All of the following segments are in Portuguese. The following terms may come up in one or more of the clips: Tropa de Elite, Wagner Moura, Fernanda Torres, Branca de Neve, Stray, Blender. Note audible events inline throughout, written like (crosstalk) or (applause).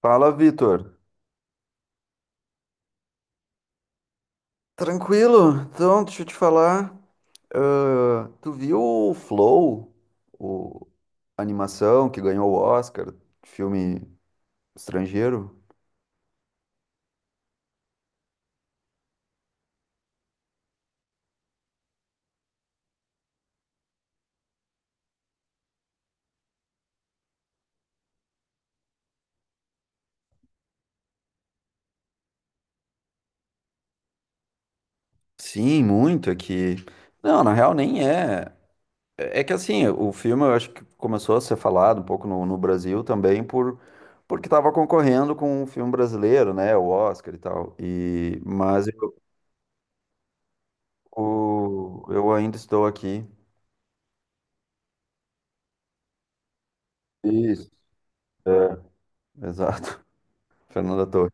Fala, Vitor. Tranquilo? Então, deixa eu te falar. Ah, tu viu o Flow, o a animação que ganhou o Oscar, filme estrangeiro? Sim, muito. Aqui. Não, na real, nem é. É que assim, o filme eu acho que começou a ser falado um pouco no Brasil também por. Porque estava concorrendo com um filme brasileiro, né? O Oscar e tal. E... Mas eu, eu ainda estou aqui. Isso. É, exato. Fernanda Torres.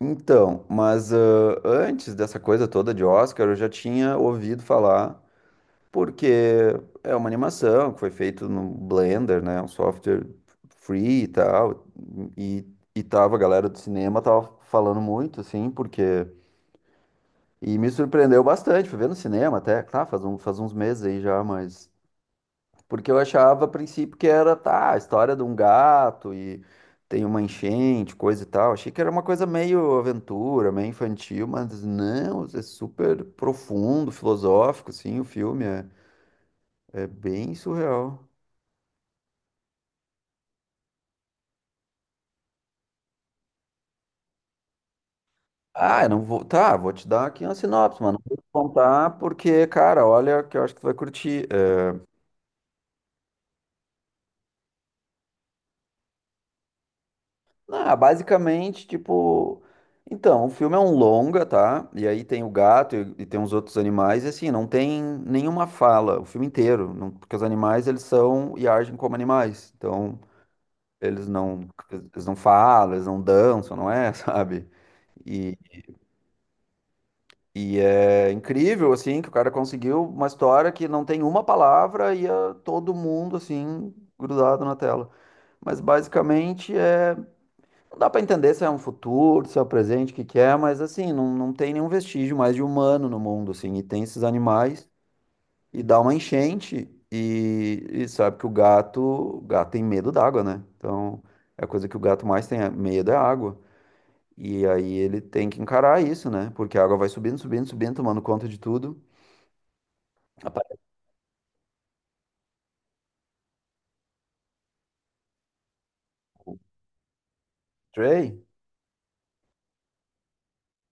Então, mas antes dessa coisa toda de Oscar, eu já tinha ouvido falar, porque é uma animação que foi feita no Blender, né? Um software free e tal. E, e tava, a galera do cinema tava falando muito, assim, porque. E me surpreendeu bastante, fui ver no cinema até, tá, faz um, faz uns meses aí já, mas. Porque eu achava a princípio que era, tá, a história de um gato e tem uma enchente, coisa e tal. Achei que era uma coisa meio aventura, meio infantil, mas não, é super profundo, filosófico, sim, o filme é, é bem surreal. Ah, eu não vou. Tá, vou te dar aqui uma sinopse, mano. Não vou te contar porque, cara, olha que eu acho que tu vai curtir. Ah, basicamente, tipo. Então, o filme é um longa, tá? E aí tem o gato e tem uns outros animais, e assim, não tem nenhuma fala, o filme inteiro, não- porque os animais, eles são e agem como animais. Então, eles não, eles não falam, eles não dançam, não é, (laughs) sabe? E, e é incrível, assim, que o cara conseguiu uma história que não tem uma palavra e é todo mundo, assim, grudado na tela. Mas basicamente é Não dá pra entender se é um futuro, se é o presente, o que que é, mas assim, não tem nenhum vestígio mais de humano no mundo, assim, e tem esses animais, e dá uma enchente, e sabe que o gato tem medo d'água, né? Então, a coisa que o gato mais tem medo é água, e aí ele tem que encarar isso, né? Porque a água vai subindo, subindo, subindo, tomando conta de tudo. Aparece o Stray.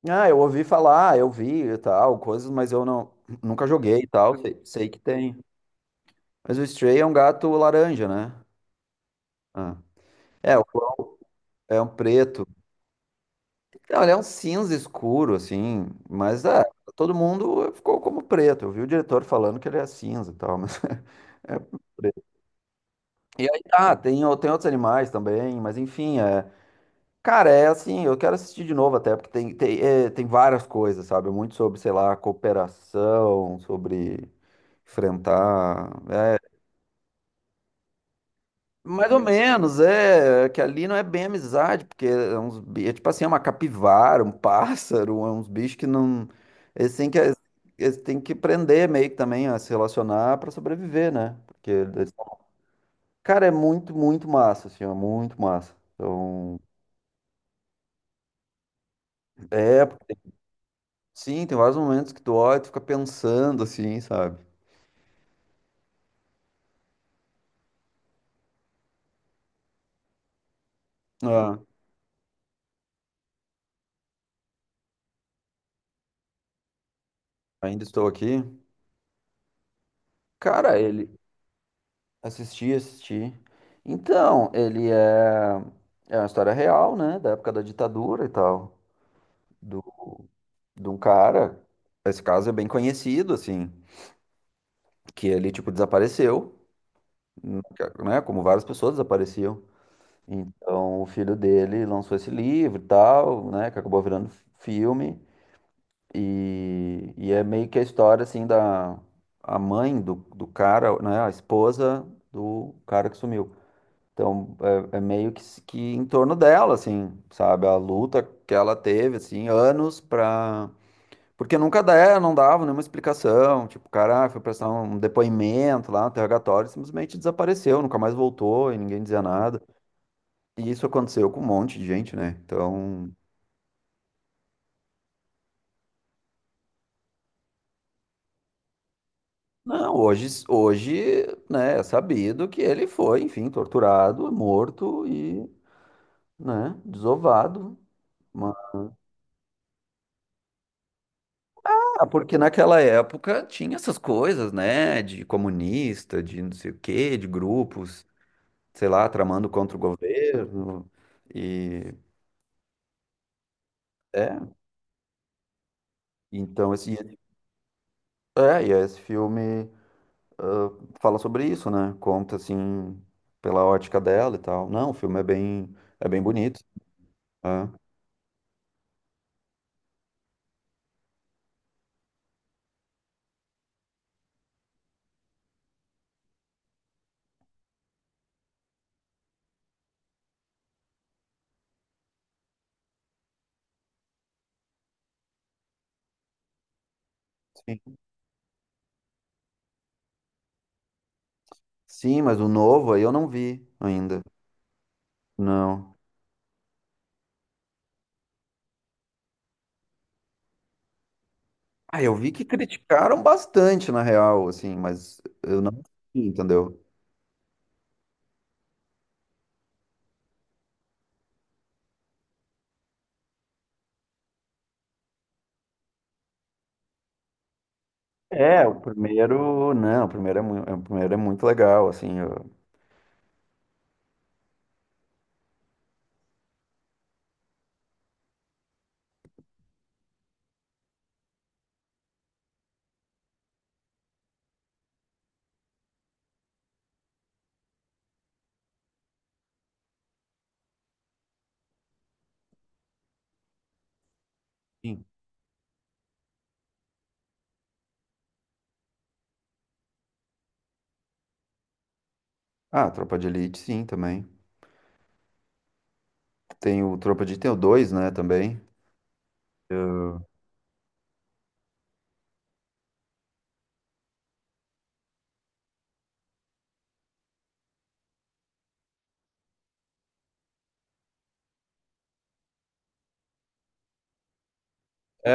Ah, eu ouvi falar, eu vi e tal, coisas, mas eu não, nunca joguei e tal, sei, sei que tem. Mas o Stray é um gato laranja, né? Ah. É, o clã é um preto. Não, ele é um cinza escuro, assim, mas é, todo mundo ficou como preto. Eu vi o diretor falando que ele é cinza e tal, mas (laughs) é preto. E aí tá, tem, tem outros animais também, mas enfim, é. Cara, é assim, eu quero assistir de novo até, porque tem várias coisas, sabe? Muito sobre, sei lá, cooperação, sobre enfrentar. Mais ou menos, é, que ali não é bem amizade, porque é uns, é tipo assim, é uma capivara, um pássaro, é uns bichos que não, eles têm que, eles têm que aprender meio que também a se relacionar para sobreviver, né? Porque, eles- cara, é muito, muito massa, assim, é muito massa. Então, é, sim, tem vários momentos que tu olha e tu fica pensando, assim, sabe? Ah, ainda estou aqui. Cara, ele, assisti. Então, ele é, é uma história real, né? Da época da ditadura e tal. Do, de um cara. Esse caso é bem conhecido, assim. Que ele, tipo, desapareceu, né? Como várias pessoas desapareciam. Então, o filho dele lançou esse livro e tal, né? Que acabou virando filme. E é meio que a história, assim, da a mãe do cara, né? A esposa do cara que sumiu. Então, é, é meio que em torno dela, assim, sabe? A luta que ela teve, assim, anos pra. Porque nunca dá, não dava nenhuma explicação. Tipo, o cara ah, foi prestar um depoimento lá no interrogatório, e simplesmente desapareceu, nunca mais voltou e ninguém dizia nada. E isso aconteceu com um monte de gente, né? Então, não, hoje, né, é sabido que ele foi, enfim, torturado, morto e, né, desovado. Ah, porque naquela época tinha essas coisas, né? De comunista, de não sei o quê, de grupos, sei lá, tramando contra o governo. E é, então esse, e esse filme ah, fala sobre isso, né? Conta assim pela ótica dela e tal. Não, o filme é bem bonito. Né? Sim. Sim, mas o novo aí eu não vi ainda. Não. Ah, eu vi que criticaram bastante, na real, assim, mas eu não vi, entendeu? É, o primeiro, não, o primeiro é, o primeiro é muito legal, assim. Eu- Sim. Ah, Tropa de Elite, sim, também. Tem o Tropa de Elite, tem o 2 né, também.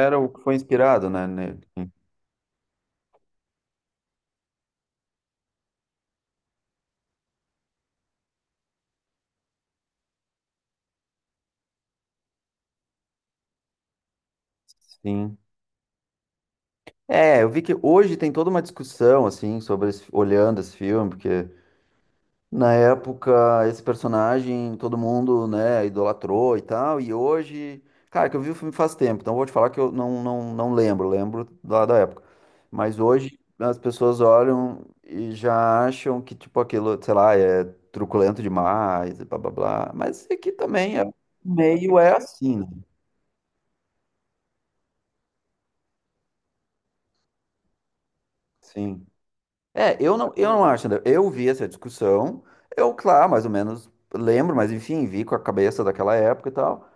Era o que foi inspirado, né, nele. Sim. É, eu vi que hoje tem toda uma discussão, assim, sobre esse- olhando esse filme, porque Na época, esse personagem todo mundo, né, idolatrou e tal. E hoje, cara, que eu vi o filme faz tempo, então vou te falar que eu não, não, não lembro, lembro lá da época. Mas hoje as pessoas olham e já acham que, tipo, aquilo, sei lá, é truculento demais, e blá blá blá. Mas aqui também é meio é assim, né? Sim. É, eu não acho, André. Eu vi essa discussão, eu, claro, mais ou menos lembro, mas enfim, vi com a cabeça daquela época e tal.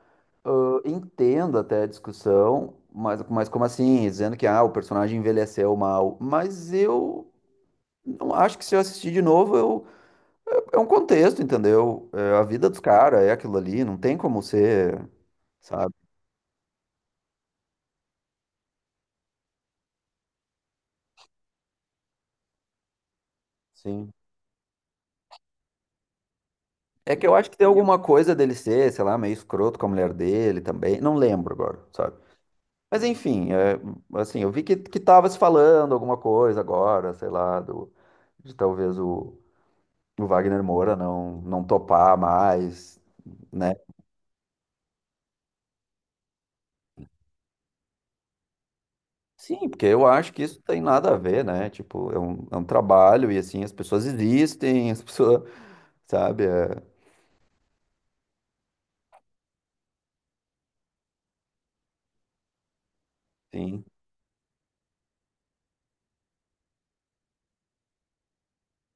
Eu entendo até a discussão, mas como assim? Dizendo que ah, o personagem envelheceu mal. Mas eu não acho que se eu assistir de novo, eu, é um contexto, entendeu? É a vida dos caras é aquilo ali, não tem como ser, sabe? Sim. É que eu acho que tem alguma coisa dele ser, sei lá, meio escroto com a mulher dele também. Não lembro agora, sabe? Mas enfim, é, assim, eu vi que tava se falando alguma coisa agora, sei lá, do, de talvez o Wagner Moura não topar mais, né? Sim, porque eu acho que isso tem nada a ver, né? Tipo, é um trabalho e assim, as pessoas, sabe? É, sim.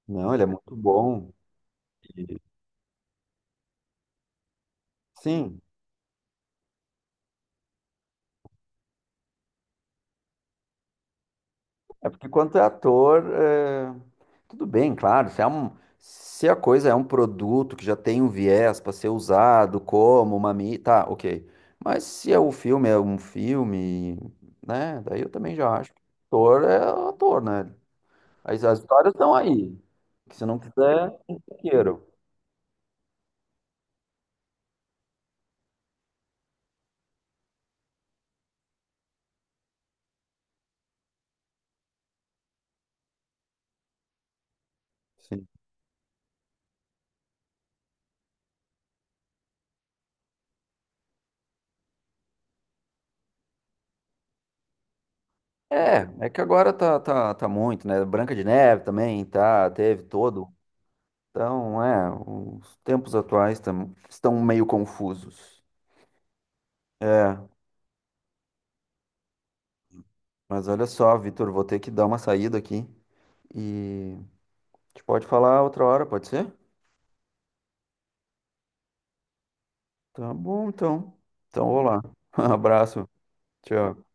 Não, ele é muito bom. E, sim, É porque quanto é ator, é, tudo bem, claro. Se, se a coisa é um produto que já tem um viés para ser usado como uma mídia, tá, ok. Mas se é o filme é um filme, né? Daí eu também já acho que ator é ator, né? As histórias estão aí. Que se não quiser, não quero. Sim. É, é que agora tá muito, né? Branca de Neve também, tá, teve todo. Então, é, os tempos atuais tam- estão meio confusos. É, mas olha só, Vitor, vou ter que dar uma saída aqui e a gente pode falar outra hora, pode ser? Tá bom, então. Então, vou lá. (laughs) Abraço. Tchau.